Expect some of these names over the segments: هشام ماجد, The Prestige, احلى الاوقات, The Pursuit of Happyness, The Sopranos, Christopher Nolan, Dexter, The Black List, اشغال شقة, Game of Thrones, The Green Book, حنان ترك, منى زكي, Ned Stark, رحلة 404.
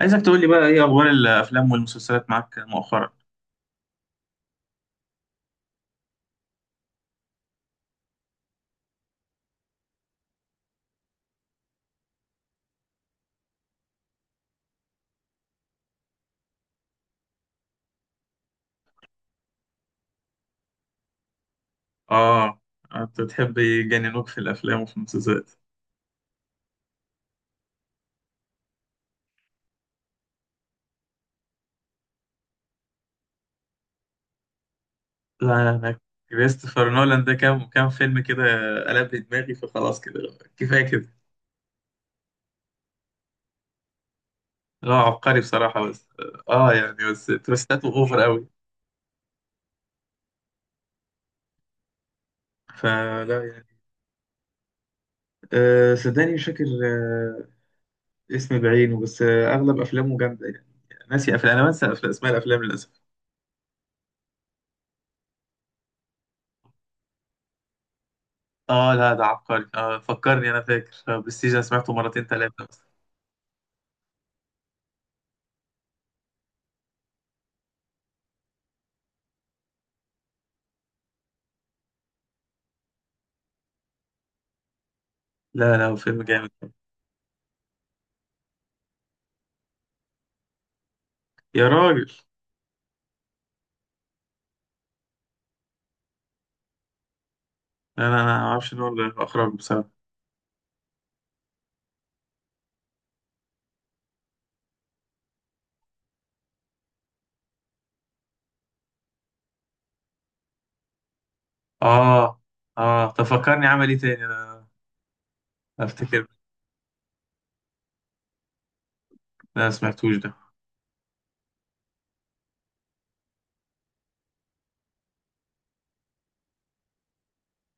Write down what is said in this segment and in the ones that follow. عايزك تقول لي بقى ايه اخبار الافلام والمسلسلات معاك مؤخرا؟ اه، انت بتحب يجننوك في الافلام وفي المسلسلات؟ لا انا كريستوفر نولان ده كام كام فيلم كده قلب لي دماغي فخلاص كده كفايه كده. لا عبقري بصراحه، بس اه يعني بس تويستاته اوفر قوي، فلا يعني. صدقني مش فاكر اسم بعينه، بس اغلب افلامه جامده يعني. ناسي افلام، انا بنسى اسماء الافلام للاسف. اه لا ده عبقري، فكرني، انا فاكر برستيج، انا سمعته مرتين ثلاثه. لا لا هو فيلم جامد، يا راجل. لا لا انا ما اعرفش ان هو اللي اخرج بصراحه. اه، اه طب فكرني عمل ايه تاني انا؟ افتكر. لا ما سمعتوش ده.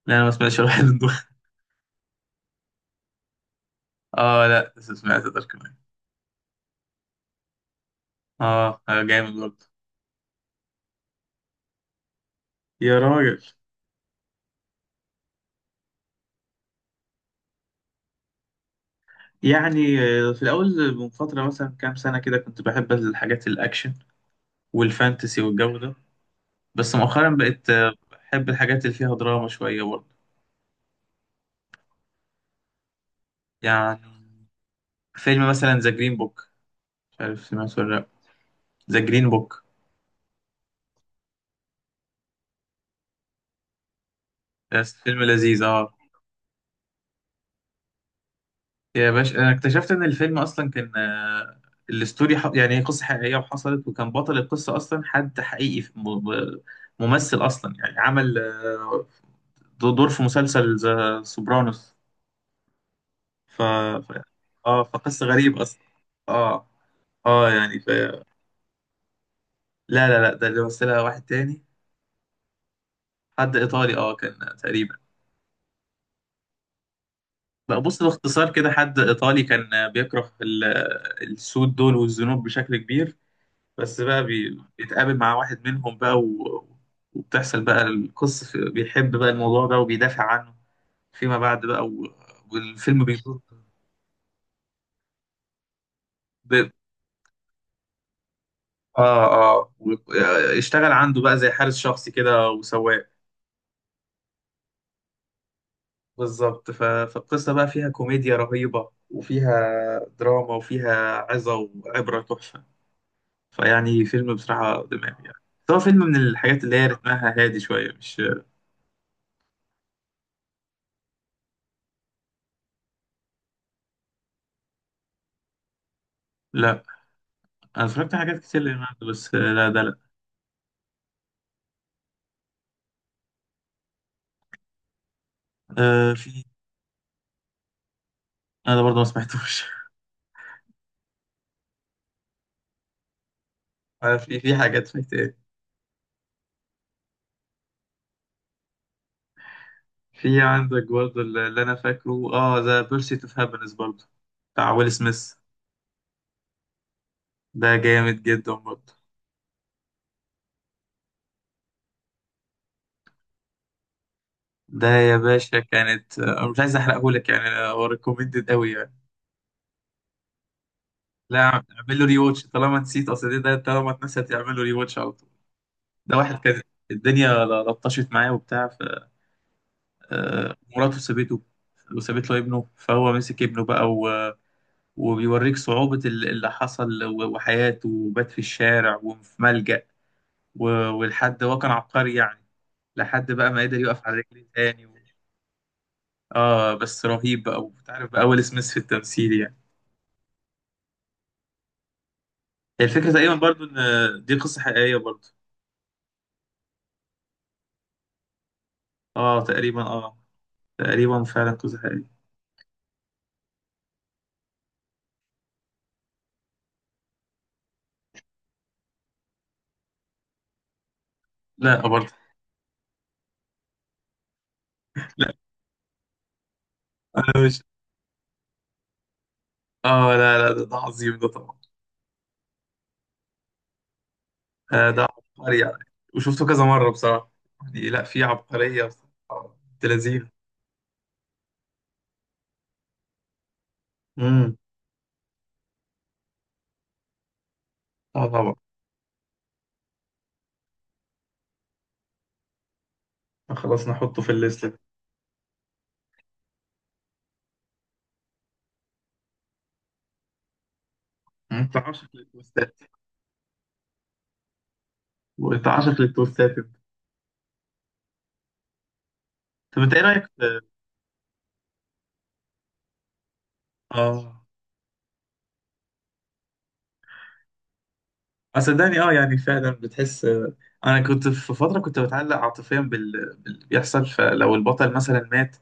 لا انا ما سمعتش الواحد من دول. اه لا بس سمعت ده كمان. اه جامد برضه، يا راجل. يعني في الاول من فتره مثلا كام سنه كده كنت بحب الحاجات الاكشن والفانتسي والجو ده. بس مؤخرا بقيت بحب الحاجات اللي فيها دراما شويه برضه. يعني فيلم مثلا ذا جرين بوك، مش عارف سمعته ولا لا. ذا جرين بوك، بس فيلم لذيذ اه. يا باشا انا اكتشفت ان الفيلم اصلا كان يعني هي قصه حقيقيه وحصلت، وكان بطل القصه اصلا حد حقيقي في م- ممثل اصلا، يعني عمل دور في مسلسل ذا سوبرانوس ف... ف... اه فقصه غريب اصلا. اه، اه يعني. لا لا لا ده اللي مثلها واحد تاني، حد ايطالي اه كان تقريبا. لا بص باختصار كده، حد ايطالي كان بيكره السود دول والذنوب بشكل كبير. بس بقى بيتقابل مع واحد منهم بقى وبتحصل بقى القصة بيحب بقى الموضوع ده وبيدافع عنه فيما بعد بقى، والفيلم بيدور ب... اه، اه و... آه، اشتغل عنده بقى زي حارس شخصي كده وسواق. بالظبط، فالقصة بقى فيها كوميديا رهيبة، وفيها دراما وفيها عظة وعبرة تحفة. فيعني فيلم بصراحة دماغي يعني. بس هو فيلم من الحاجات اللي هي رتمها هادي شوية، مش لا. أنا اتفرجت على حاجات كتير لليوناردو، بس لا ده لا. آه في انا برضه ما سمعتوش. أنا في في حاجات فايت ايه. في عندك برضه اللي انا فاكره اه ذا بيرسيت اوف هابينس برضه، بتاع ويل سميث. ده جامد جدا برضه. ده يا باشا كانت مش عايز احرقه لك يعني، هو ريكومندد قوي يعني. لا اعمل له ري واتش طالما نسيت، اصل ده طالما اتنسيت اعمل له ري واتش على طول. ده واحد كان الدنيا لطشت معاه وبتاع، مراته سابته وسابت له ابنه، فهو مسك ابنه بقى وبيوريك صعوبة اللي حصل وحياته، وبات في الشارع وفي ملجأ، ولحد هو كان عبقري يعني، لحد بقى ما قدر يقف على رجليه تاني. اه بس رهيب بقى، وتعرف بقى ويل سميث في التمثيل يعني. هي الفكرة تقريبا برضو ان دي قصة حقيقية برضو. اه تقريبا اه. تقريبا فعلا قصة حقيقية. لا برضو. لا انا مش. اه لا لا ده عظيم ده طبعا. آه ده عبقري يعني، وشفته كذا مرة بصراحة يعني. لا في عبقرية بصراحة، بنت لذينة. امم. اه طبعا. خلاص نحطه في الليست ده. انت عاشق للتوستات؟ وانت عاشق للتوستات انت. طب انت ايه رايك في اه. صدقني اه يعني فعلا بتحس انا كنت في فتره كنت بتعلق عاطفيا باللي بيحصل، فلو البطل مثلا مات،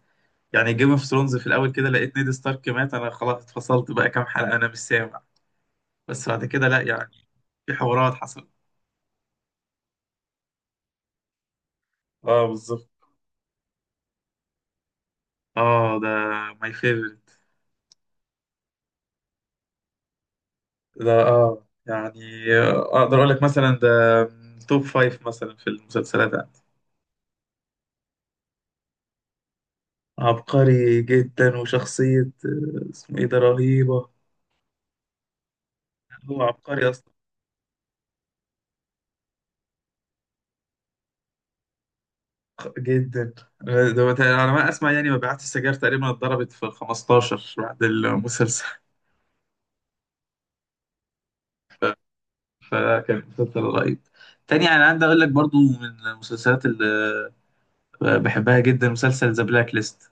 يعني جيم اوف ثرونز في الاول كده لقيت نيد ستارك مات، انا خلاص اتفصلت بقى كام حلقه، انا مش سامع. بس بعد كده لا يعني، في حوارات حصلت. اه بالظبط. اه ده ماي فيفورت. ده اه يعني اقدر اقول لك مثلا ده توب فايف مثلا في المسلسلات. عبقري جدا، وشخصية اسمه ايه ده، رهيبة. هو عبقري اصلا، جدا. ده على ما اسمع يعني مبيعات السجاير تقريبا اتضربت في ال 15 بعد المسلسل. فكان مسلسل رهيب. تاني يعني عندي اقول لك برضو، من المسلسلات اللي بحبها جدا مسلسل ذا بلاك ليست،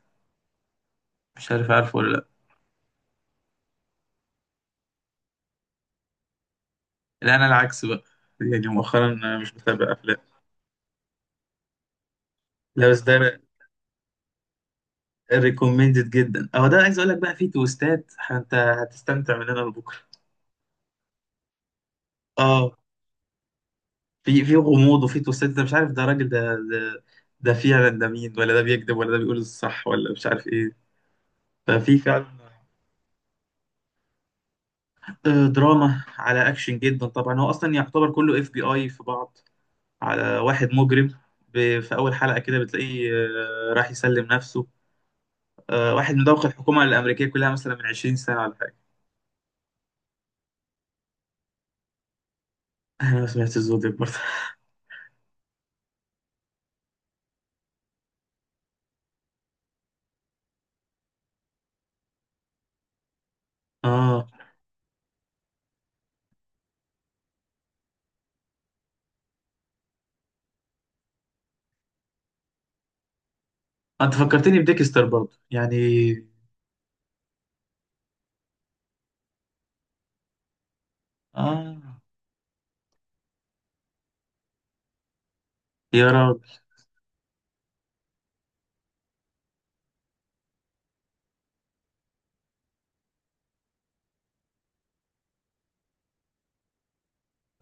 مش عارف عارفه ولا لا. لا انا العكس بقى، يعني مؤخرا مش متابع افلام. لا بس ده ريكومندد جدا اهو، ده عايز اقول لك بقى فيه تويستات، انت هتستمتع من هنا لبكره. اه في في غموض، وفي توسات، ده مش عارف ده راجل ده ده فعلا ده مين، ولا ده بيكذب، ولا ده بيقول الصح، ولا مش عارف ايه. ففي فعلا. دراما على اكشن جدا طبعا، هو اصلا يعتبر كله اف بي اي في بعض على واحد مجرم. في اول حلقه كده بتلاقيه راح يسلم نفسه، واحد مدوخ الحكومه الامريكيه كلها مثلا من 20 سنه ولا حاجه. انا ما سمعتش الزود ده برضه. اه انت فكرتني بديكستر برضه يعني. اه يا راجل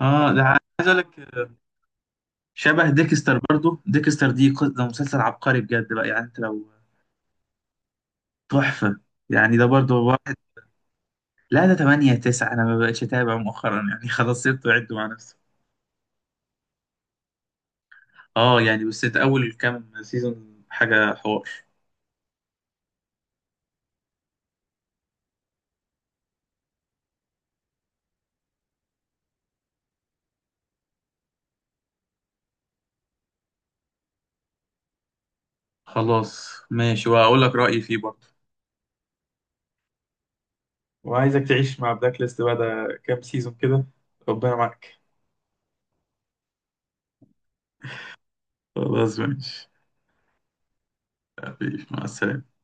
اه ده عايز اقول لك شبه ديكستر برضو، ديكستر دي ده مسلسل عبقري بجد بقى، يعني انت لو تحفة يعني. ده برضو واحد لا ده 8 9، انا ما بقتش اتابع مؤخرا يعني. خلاص سبته عده مع نفسه. اه يعني بس انت اول كام سيزون حاجة حوار. خلاص ماشي، وهقول لك رأيي فيه برضو. وعايزك تعيش مع بلاك ليست بعد كام سيزون كده، ربنا معاك. خلاص ماشي حبيبي، مع السلامة.